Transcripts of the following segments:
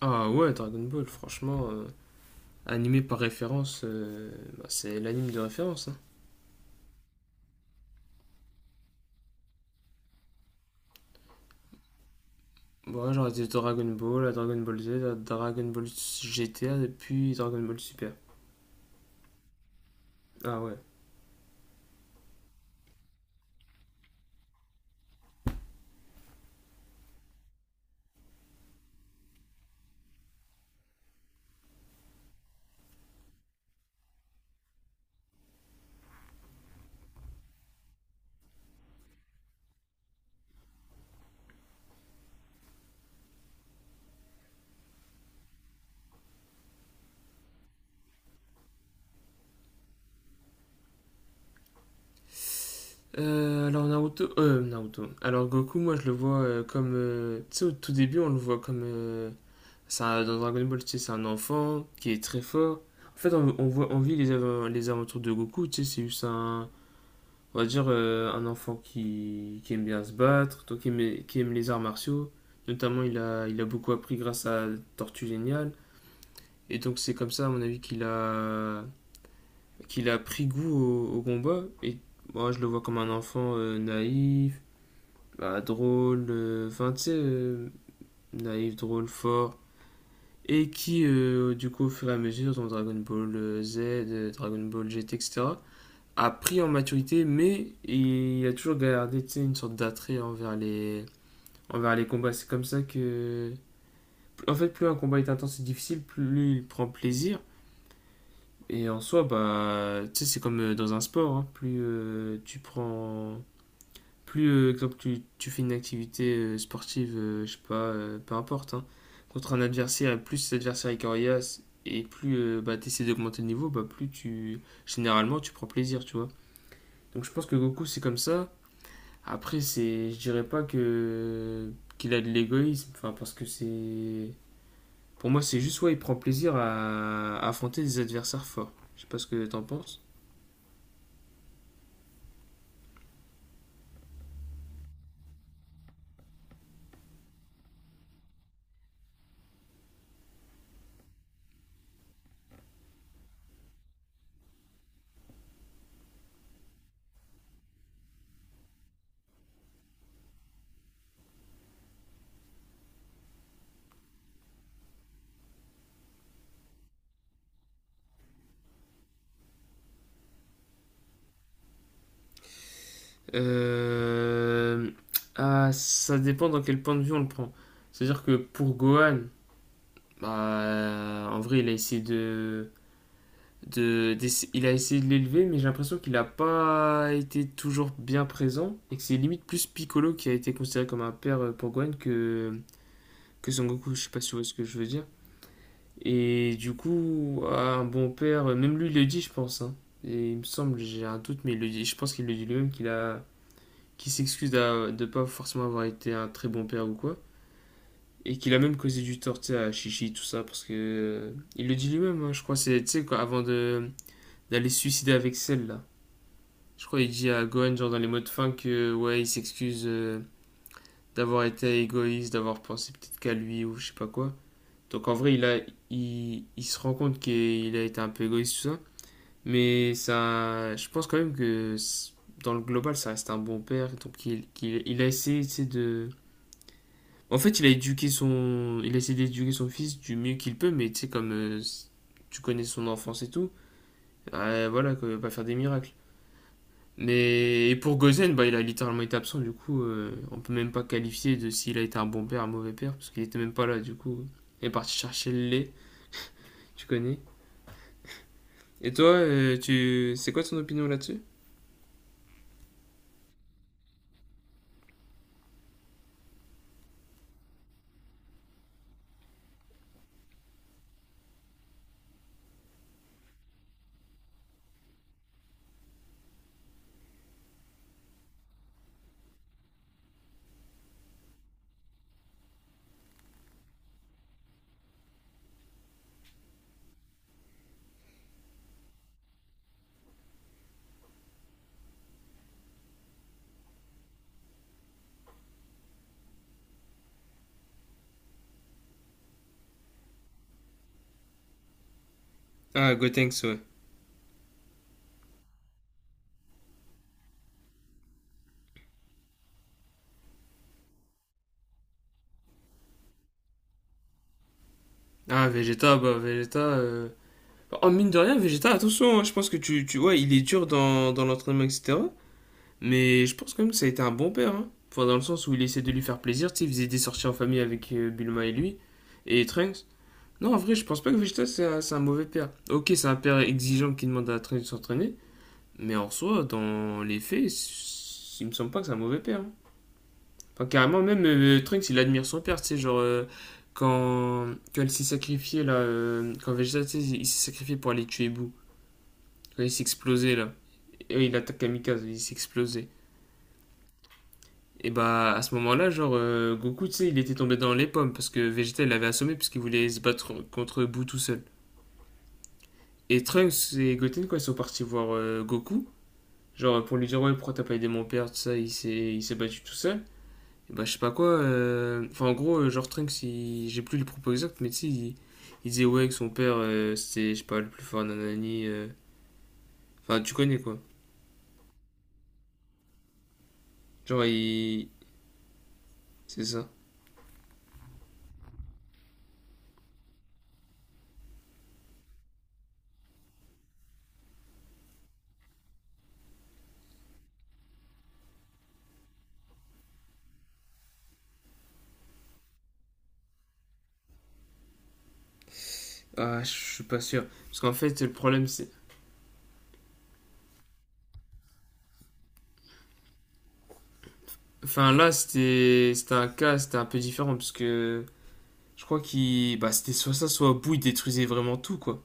Ah ouais, Dragon Ball, franchement, animé par référence, c'est l'anime de référence. Hein. Ouais, j'aurais dit Dragon Ball, à Dragon Ball Z, à Dragon Ball GTA, et puis Dragon Ball Super. Ah ouais. Alors Naruto, Naruto. Alors Goku, moi je le vois comme, tu sais, au tout début, on le voit comme dans Dragon Ball, tu sais, c'est un enfant qui est très fort. En fait, on voit, on vit les aventures de Goku, tu sais, on va dire un enfant qui aime bien se battre, toi qui aime les arts martiaux. Notamment, il a beaucoup appris grâce à Tortue Géniale. Et donc, c'est comme ça, à mon avis, qu'il a pris goût au combat. Et moi, je le vois comme un enfant naïf, drôle, naïf, drôle, fort. Et qui, du coup, au fur et à mesure, dans Dragon Ball Z, Dragon Ball GT, etc., a pris en maturité, mais il a toujours gardé une sorte d'attrait envers les combats. C'est comme ça que. En fait, plus un combat est intense et difficile, plus il prend plaisir. Et en soi, bah, tu sais, c'est comme dans un sport, hein. Plus tu prends. Plus, exemple, tu fais une activité sportive, je sais pas, peu importe, hein, contre un adversaire, et plus cet adversaire est coriace, et plus tu essaies d'augmenter le niveau, bah, plus tu. Généralement, tu prends plaisir, tu vois. Donc je pense que Goku, c'est comme ça. Après, je dirais pas que qu'il a de l'égoïsme, enfin parce que c'est, pour moi, c'est juste ouais, il prend plaisir à affronter des adversaires forts. Je sais pas ce que t'en penses. Euh, ça dépend dans quel point de vue on le prend. C'est-à-dire que pour Gohan, bah, en vrai, il a essayé de l'élever, mais j'ai l'impression qu'il n'a pas été toujours bien présent et que c'est limite plus Piccolo qui a été considéré comme un père pour Gohan que Son Goku, je sais pas si vous voyez ce que je veux dire. Et du coup, ah, un bon père, même lui il le dit, je pense, hein. Et il me semble, j'ai un doute, mais il le dit. Je pense qu'il le dit lui-même qu'il s'excuse de ne pas forcément avoir été un très bon père ou quoi, et qu'il a même causé du tort, tu sais, à Chichi tout ça, parce que il le dit lui-même, hein, je crois, c'est, tu sais, quoi, avant de d'aller se suicider avec celle là. Je crois il dit à Gohan genre dans les mots de fin que ouais, il s'excuse d'avoir été égoïste, d'avoir pensé peut-être qu'à lui ou je sais pas quoi. Donc en vrai, il se rend compte qu'il a été un peu égoïste, tout ça. Mais ça, je pense quand même que dans le global, ça reste un bon père. Donc il a essayé, tu sais, de… En fait, il a essayé d'éduquer son fils du mieux qu'il peut, mais tu sais, comme tu connais son enfance et tout, voilà, qu'il ne va pas faire des miracles. Mais et pour Gozen, bah, il a littéralement été absent, du coup, on peut même pas qualifier de s'il a été un bon père, un mauvais père, parce qu'il était même pas là, du coup. Il est parti chercher le lait, tu connais. Et toi, tu… c'est quoi ton opinion là-dessus? Ah, Gotenks, ouais. Ah, Vegeta… Oh, mine de rien, Vegeta, attention, hein, je pense que tu… Ouais, il est dur dans, dans l'entraînement, etc. Mais je pense quand même que ça a été un bon père, hein. Enfin, dans le sens où il essaie de lui faire plaisir, tu sais, il faisait des sorties en famille avec Bulma et lui, et Trunks. Non, en vrai, je pense pas que c'est un mauvais père. Ok, c'est un père exigeant qui demande à Trunks de s'entraîner, mais en soi, dans les faits, il me semble pas que c'est un mauvais père, hein. Enfin, carrément, même Trunks, il admire son père, tu sais, genre, quand il s'est sacrifié, là, quand Vegeta, tu sais, il s'est sacrifié pour aller tuer Boo, quand il s'est explosé, là, et il attaque Kamikaze, il s'est explosé. Et bah, à ce moment-là, genre, Goku, tu sais, il était tombé dans les pommes, parce que Vegeta, il l'avait assommé, puisqu'il voulait se battre contre Boo tout seul. Et Trunks et Goten, quand ils sont partis voir Goku, genre, pour lui dire, ouais, pourquoi t'as pas aidé mon père, tout ça, il s'est battu tout seul. Bah, je sais pas quoi. Enfin, en gros, genre j'ai plus les propos exacts, mais tu sais, il… il disait ouais que son père, c'était, je sais pas, le plus fort nanani. Enfin, tu connais quoi. Genre, il. C'est ça. Ah, je suis pas sûr. Parce qu'en fait, le problème, c'est. Enfin, là, c'était un cas, c'était un peu différent, parce que je crois qu'il. Bah, c'était soit ça, soit au bout, il détruisait vraiment tout, quoi.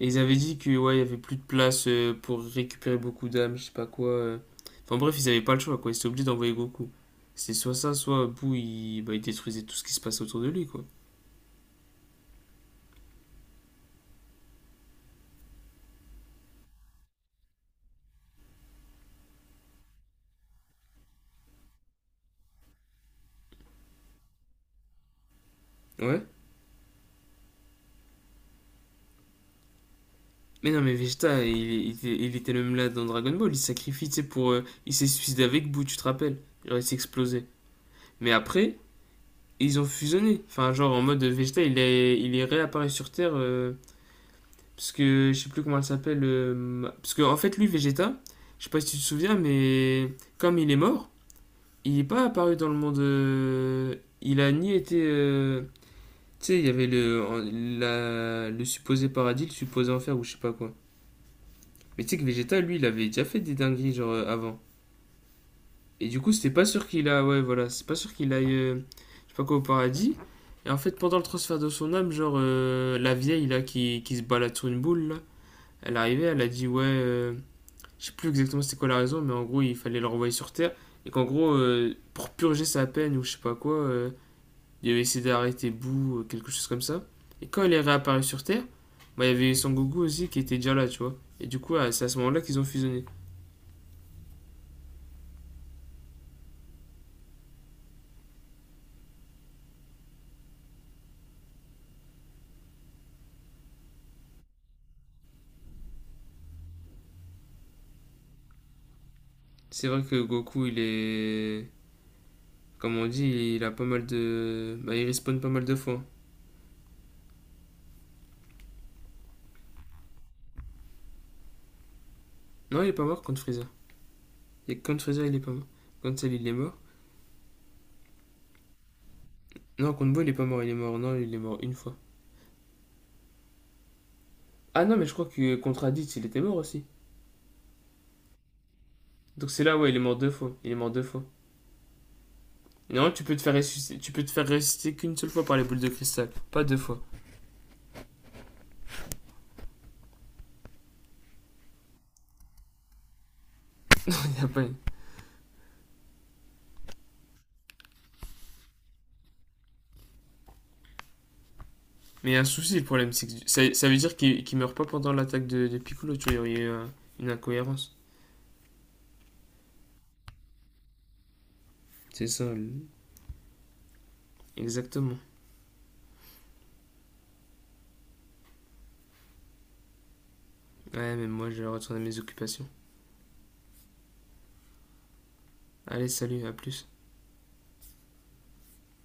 Et ils avaient dit que ouais, il y avait plus de place pour récupérer beaucoup d'âmes, je sais pas quoi. Enfin bref, ils avaient pas le choix quoi, ils étaient obligés d'envoyer Goku. C'est soit ça, soit Boo il, bah, il détruisait tout ce qui se passait autour de lui quoi. Ouais. Mais non mais il était le même là dans Dragon Ball, il se sacrifie, tu sais, pour il s'est suicidé avec Boo, tu te rappelles? Genre il s'est explosé. Mais après, ils ont fusionné. Enfin genre en mode Vegeta, il est réapparu sur Terre. Parce que je sais plus comment elle s'appelle. Parce que en fait, lui, Vegeta, je sais pas si tu te souviens, mais comme il est mort, il n'est pas apparu dans le monde. Il a ni été. Tu sais, il y avait le supposé paradis, le supposé enfer ou je sais pas quoi. Mais tu sais que Vegeta, lui, il avait déjà fait des dingueries genre avant. Et du coup, c'était pas sûr qu'il a. Ouais, voilà, c'est pas sûr qu'il aille. Je sais pas quoi au paradis. Et en fait, pendant le transfert de son âme, genre la vieille là qui se balade sur une boule là. Elle arrivait, elle a dit ouais, je sais plus exactement c'était quoi la raison, mais en gros, il fallait le renvoyer sur Terre. Et qu'en gros, pour purger sa peine ou je sais pas quoi, il avait essayé d'arrêter Boo, quelque chose comme ça. Et quand il est réapparu sur Terre, bah, il y avait Son Goku aussi qui était déjà là, tu vois. Et du coup, ah, c'est à ce moment-là qu'ils ont fusionné. C'est vrai que Goku, il est. Comme on dit, il a pas mal de. Bah, il respawn pas mal de fois. Non, il est pas mort contre Freezer. Et contre Freezer, il est pas mort. Contre celle, il est mort. Non, contre Boo, il est pas mort, il est mort. Non, il est mort une fois. Ah non, mais je crois que contre Raditz, il était mort aussi. Donc c'est là, ouais, il est mort deux fois. Il est mort deux fois. Non, tu peux te faire ressusciter, tu peux te faire ressusciter qu'une seule fois par les boules de cristal. Pas deux fois. Mais il y a un souci, le problème, c'est que ça veut dire qu'il meurt pas pendant l'attaque de Piccolo, tu vois, il y aurait eu une incohérence. C'est ça, exactement. Ouais, mais moi, je vais retourner à mes occupations. Allez, salut, à plus.